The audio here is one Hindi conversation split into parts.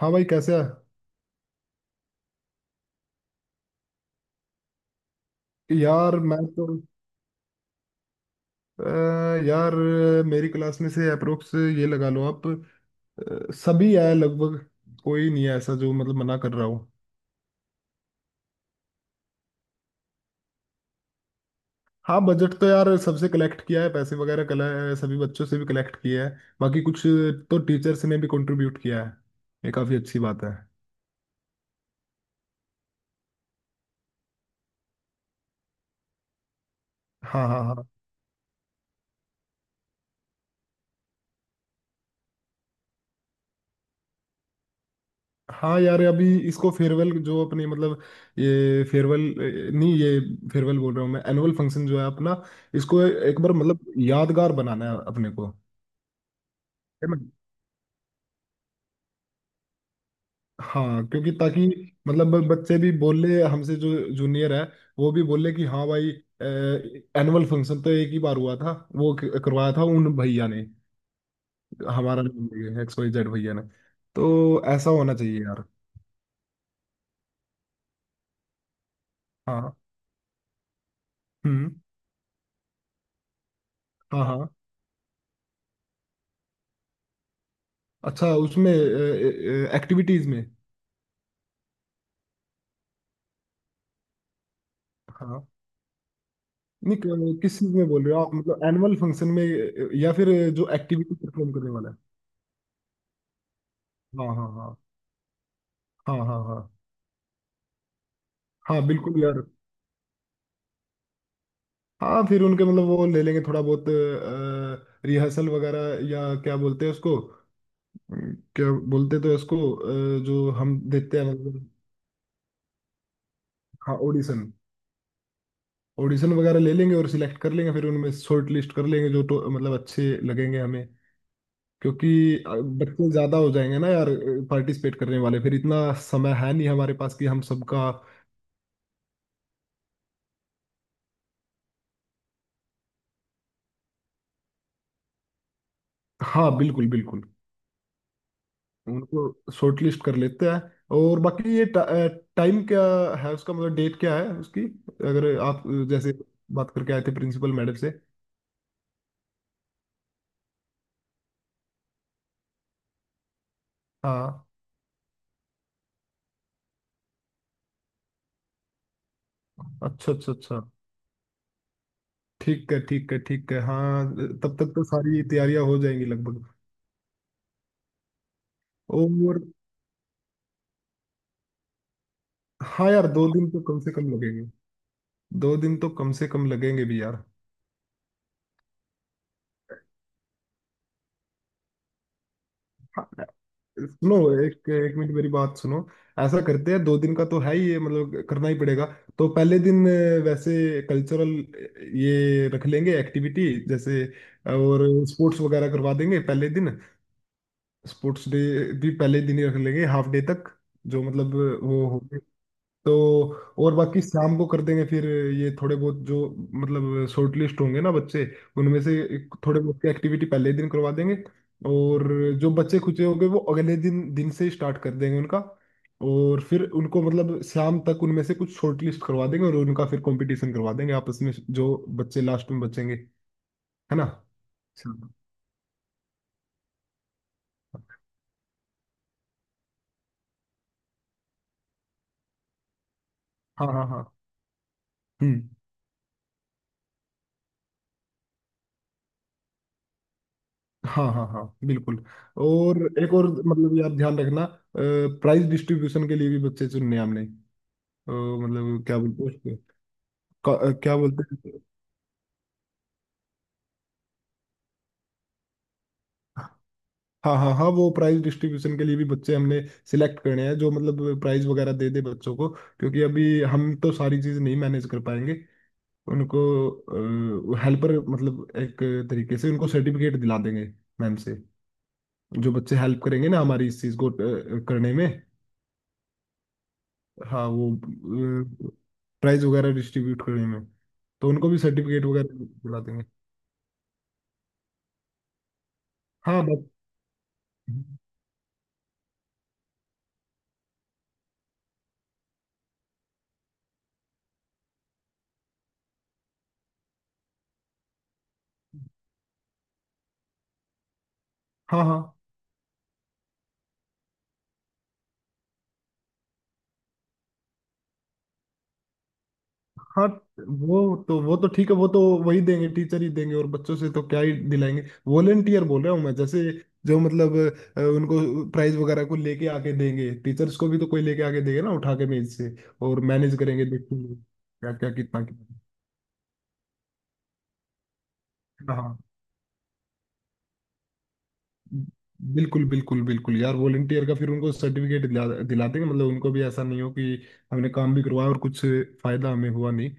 हाँ भाई कैसे है। यार मैं तो अ, यार मेरी क्लास में से अप्रोक्स ये लगा लो आप। सभी है लगभग। कोई नहीं है ऐसा जो मतलब मना कर रहा हो। हाँ बजट तो यार सबसे कलेक्ट किया है पैसे वगैरह कल। सभी बच्चों से भी कलेक्ट किया है। बाकी कुछ तो टीचर्स ने भी कंट्रीब्यूट किया है। ये काफ़ी अच्छी बात है। हाँ, हाँ, हाँ। हाँ यार अभी इसको फेयरवेल जो अपनी मतलब ये फेयरवेल, नहीं ये फेयरवेल बोल रहा हूँ मैं, एनुअल फंक्शन जो है अपना, इसको एक बार मतलब यादगार बनाना है अपने को। मैं- हाँ क्योंकि ताकि मतलब बच्चे भी बोले हमसे, जो जूनियर है वो भी बोले कि हाँ भाई एनुअल फंक्शन तो एक ही बार हुआ था, वो करवाया था उन भैया ने, हमारा एक्स वाई जेड भैया ने। तो ऐसा होना चाहिए यार। हाँ। हम्म। हाँ, हाँ। अच्छा उसमें एक्टिविटीज में। हाँ। नहीं किस चीज में बोल रहे हो आप, मतलब एनुअल फंक्शन में या फिर जो एक्टिविटी परफॉर्म करने वाला है। हाँ, हाँ, हाँ। हाँ, हाँ, हाँ। हाँ बिल्कुल यार। हाँ फिर उनके मतलब वो ले लेंगे थोड़ा बहुत रिहर्सल वगैरह, या क्या बोलते हैं उसको, क्या बोलते तो इसको, जो हम देते हैं मतलब। हाँ ऑडिशन, ऑडिशन वगैरह ले लेंगे और सिलेक्ट कर लेंगे, फिर उनमें शॉर्ट लिस्ट कर लेंगे जो तो मतलब अच्छे लगेंगे हमें, क्योंकि अ, बच्चे ज़्यादा हो जाएंगे ना यार, पार्टिसिपेट करने वाले, फिर इतना समय है नहीं हमारे पास कि हम सबका। हाँ बिल्कुल, बिल्कुल। उनको शॉर्ट लिस्ट कर लेते हैं और बाकी ये टाइम क्या है उसका, मतलब डेट क्या है उसकी, अगर आप जैसे बात करके आए थे प्रिंसिपल मैडम से। हाँ, अच्छा, अच्छा, अच्छा। ठीक है, ठीक है, ठीक है, हाँ। तब तक तो सारी तैयारियां हो जाएंगी लगभग। और हाँ यार दो दिन तो कम से कम लगेंगे। दो दिन तो कम से कम लगेंगे भी यार। हाँ। सुनो, एक एक मिनट मेरी बात सुनो। ऐसा करते हैं, दो दिन का तो है ही ये, मतलब करना ही पड़ेगा। तो पहले दिन वैसे कल्चरल ये रख लेंगे एक्टिविटी जैसे, और स्पोर्ट्स वगैरह करवा देंगे पहले दिन। स्पोर्ट्स डे भी पहले दिन ही रख लेंगे हाफ डे तक, जो मतलब वो हो तो। और बाकी शाम को कर देंगे फिर ये थोड़े बहुत जो मतलब शॉर्ट लिस्ट होंगे ना बच्चे, उनमें से थोड़े बहुत की एक्टिविटी पहले ही दिन करवा देंगे। और जो बच्चे खुचे होंगे वो अगले दिन दिन से स्टार्ट कर देंगे उनका। और फिर उनको मतलब शाम तक उनमें से कुछ शॉर्ट लिस्ट करवा देंगे, और उनका फिर कंपटीशन करवा देंगे आपस में, जो बच्चे लास्ट में बचेंगे, है ना। शाम- हाँ, हाँ, हाँ। हम्म। हाँ, हाँ, हाँ बिल्कुल। और एक और मतलब यार ध्यान रखना, प्राइज डिस्ट्रीब्यूशन के लिए भी बच्चे चुनने हैं हमने, तो मतलब क्या बोलते हैं उसको, क्या बोलते हैं। हाँ, हाँ, हाँ, वो प्राइज डिस्ट्रीब्यूशन के लिए भी बच्चे हमने सिलेक्ट करने हैं जो मतलब प्राइज वगैरह दे दे बच्चों को, क्योंकि अभी हम तो सारी चीज़ नहीं मैनेज कर पाएंगे उनको। हेल्पर मतलब एक तरीके से उनको सर्टिफिकेट दिला देंगे मैम से, जो बच्चे हेल्प करेंगे ना हमारी इस चीज़ को करने में। हाँ वो प्राइज वगैरह डिस्ट्रीब्यूट करने में, तो उनको भी सर्टिफिकेट वगैरह दिला देंगे। हाँ बस। हाँ, हाँ, हाँ, वो तो ठीक है, वो तो वही देंगे, टीचर ही देंगे, और बच्चों से तो क्या ही दिलाएंगे। वॉलेंटियर बोल रहा हूँ मैं, जैसे जो मतलब उनको प्राइज वगैरह को लेके आके देंगे, टीचर्स को भी तो कोई लेके आके देगा ना उठा के मेज से, और मैनेज करेंगे, देखेंगे क्या क्या कितना कितना। हाँ बिल्कुल, बिल्कुल, बिल्कुल यार, वॉलेंटियर का फिर उनको सर्टिफिकेट दिला दिला देंगे, मतलब उनको भी ऐसा नहीं हो कि हमने काम भी करवाया और कुछ फायदा हमें हुआ नहीं।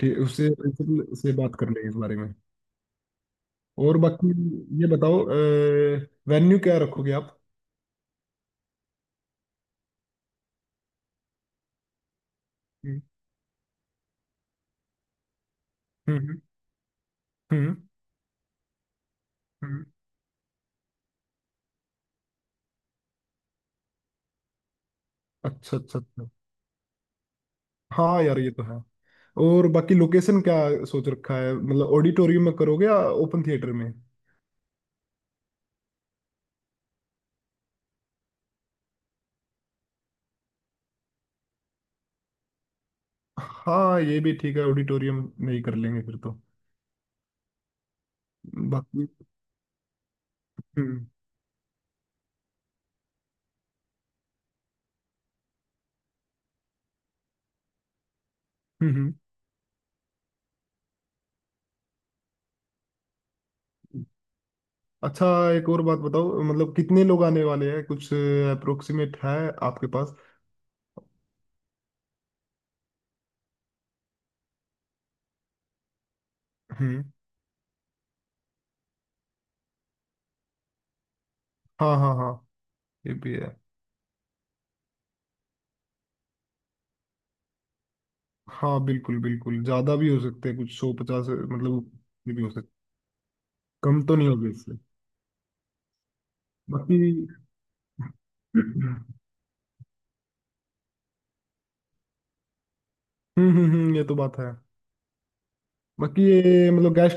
ठीक, उससे प्रिंसिपल से बात कर लेंगे इस बारे में। और बाकी ये बताओ, वेन्यू क्या रखोगे आप। हम्म। हम्म। हम्म हम्म, अच्छा, अच्छा, अच्छा। हाँ यार ये तो है। और बाकी लोकेशन क्या सोच रखा है, मतलब ऑडिटोरियम में करोगे या ओपन थिएटर में। हाँ ये भी ठीक है, ऑडिटोरियम में ही कर लेंगे फिर तो। बाकी हम्म, हम्म, अच्छा, एक और बात बताओ, मतलब कितने लोग आने वाले हैं, कुछ अप्रोक्सीमेट है आपके पास। हम्म। हाँ, हाँ, हाँ, ये भी है। हाँ बिल्कुल, बिल्कुल, ज्यादा भी हो सकते हैं कुछ सौ पचास मतलब ऊपर भी हो सकते, कम तो नहीं होगा इससे। बाकी हम्म ये तो बात है। बाकी ये मतलब गेस्ट,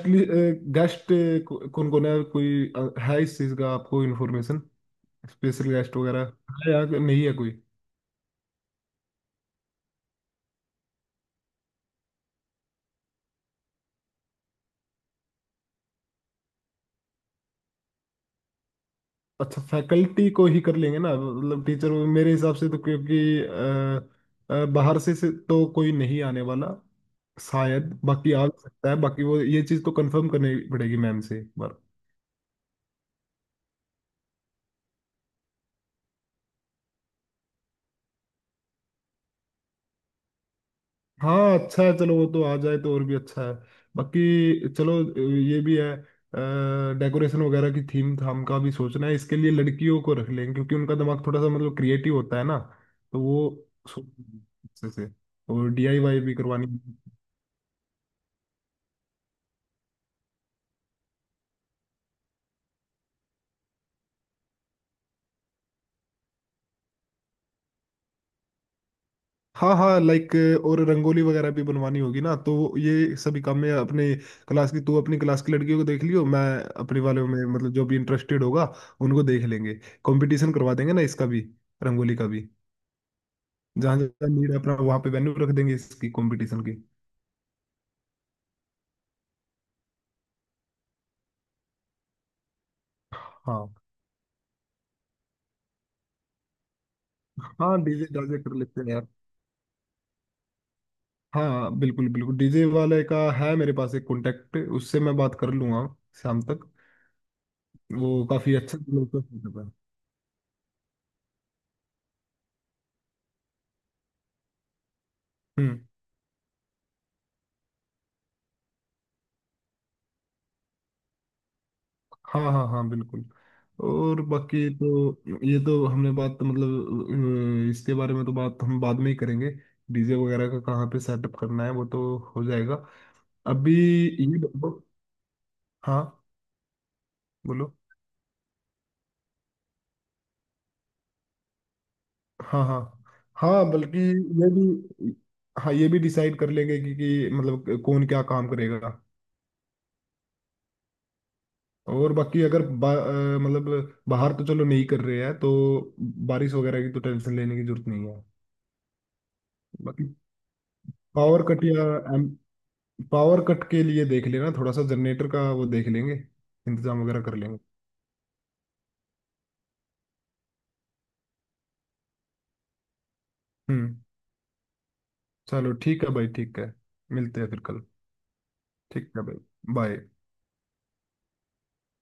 गेस्ट कौन कौन है, कोई है इस चीज का आपको इन्फॉर्मेशन, स्पेशल गेस्ट वगैरह है या नहीं है कोई। अच्छा फैकल्टी को ही कर लेंगे ना मतलब टीचर, मेरे हिसाब से तो, क्योंकि बाहर से तो कोई नहीं आने वाला शायद, बाकी आ भी सकता है, बाकी वो ये चीज़ तो कंफर्म करनी पड़ेगी मैम से एक बार। हाँ अच्छा है, चलो वो तो आ जाए तो और भी अच्छा है। बाकी चलो ये भी है, डेकोरेशन वगैरह की थीम थाम का भी सोचना है, इसके लिए लड़कियों को रख लें, क्योंकि उनका दिमाग थोड़ा सा मतलब क्रिएटिव होता है ना, तो वो सोच अच्छे से, और डीआईवाई भी करवानी है। हाँ हाँ लाइक, और रंगोली वगैरह भी बनवानी होगी ना, तो ये सभी काम में अपने क्लास की तू अपनी क्लास की लड़कियों को देख लियो, मैं अपने वालों में मतलब जो भी इंटरेस्टेड होगा उनको देख लेंगे। कंपटीशन करवा देंगे ना इसका भी, रंगोली का भी। जहाँ जहाँ नीड है अपना वहाँ पे वेन्यू रख देंगे इसकी कंपटीशन की। हाँ, हाँ डीजे डाजे कर लेते हैं यार। हाँ बिल्कुल, बिल्कुल, डीजे वाले का है मेरे पास एक कॉन्टेक्ट, उससे मैं बात कर लूंगा शाम तक। वो काफी अच्छा लोग। हम्म। हाँ, हाँ, हाँ बिल्कुल। और बाकी तो ये तो हमने बात मतलब अ, इसके बारे में तो बात हम बाद में ही करेंगे, डीजे वगैरह का कहाँ पे सेटअप करना है वो तो हो जाएगा। अभी ये बताओ- हाँ बोलो। हाँ, हाँ, हाँ बल्कि ये भी, हाँ ये भी डिसाइड कर लेंगे कि मतलब कौन क्या काम करेगा। और बाकी अगर मतलब बाहर तो चलो नहीं कर रहे हैं तो बारिश वगैरह की तो टेंशन लेने की जरूरत नहीं है। बाकी पावर कट या पावर कट के लिए देख लेना थोड़ा सा, जनरेटर का वो देख लेंगे, इंतजाम वगैरह कर लेंगे। हम्म। चलो ठीक है भाई, ठीक है, मिलते हैं फिर कल। ठीक है भाई, बाय।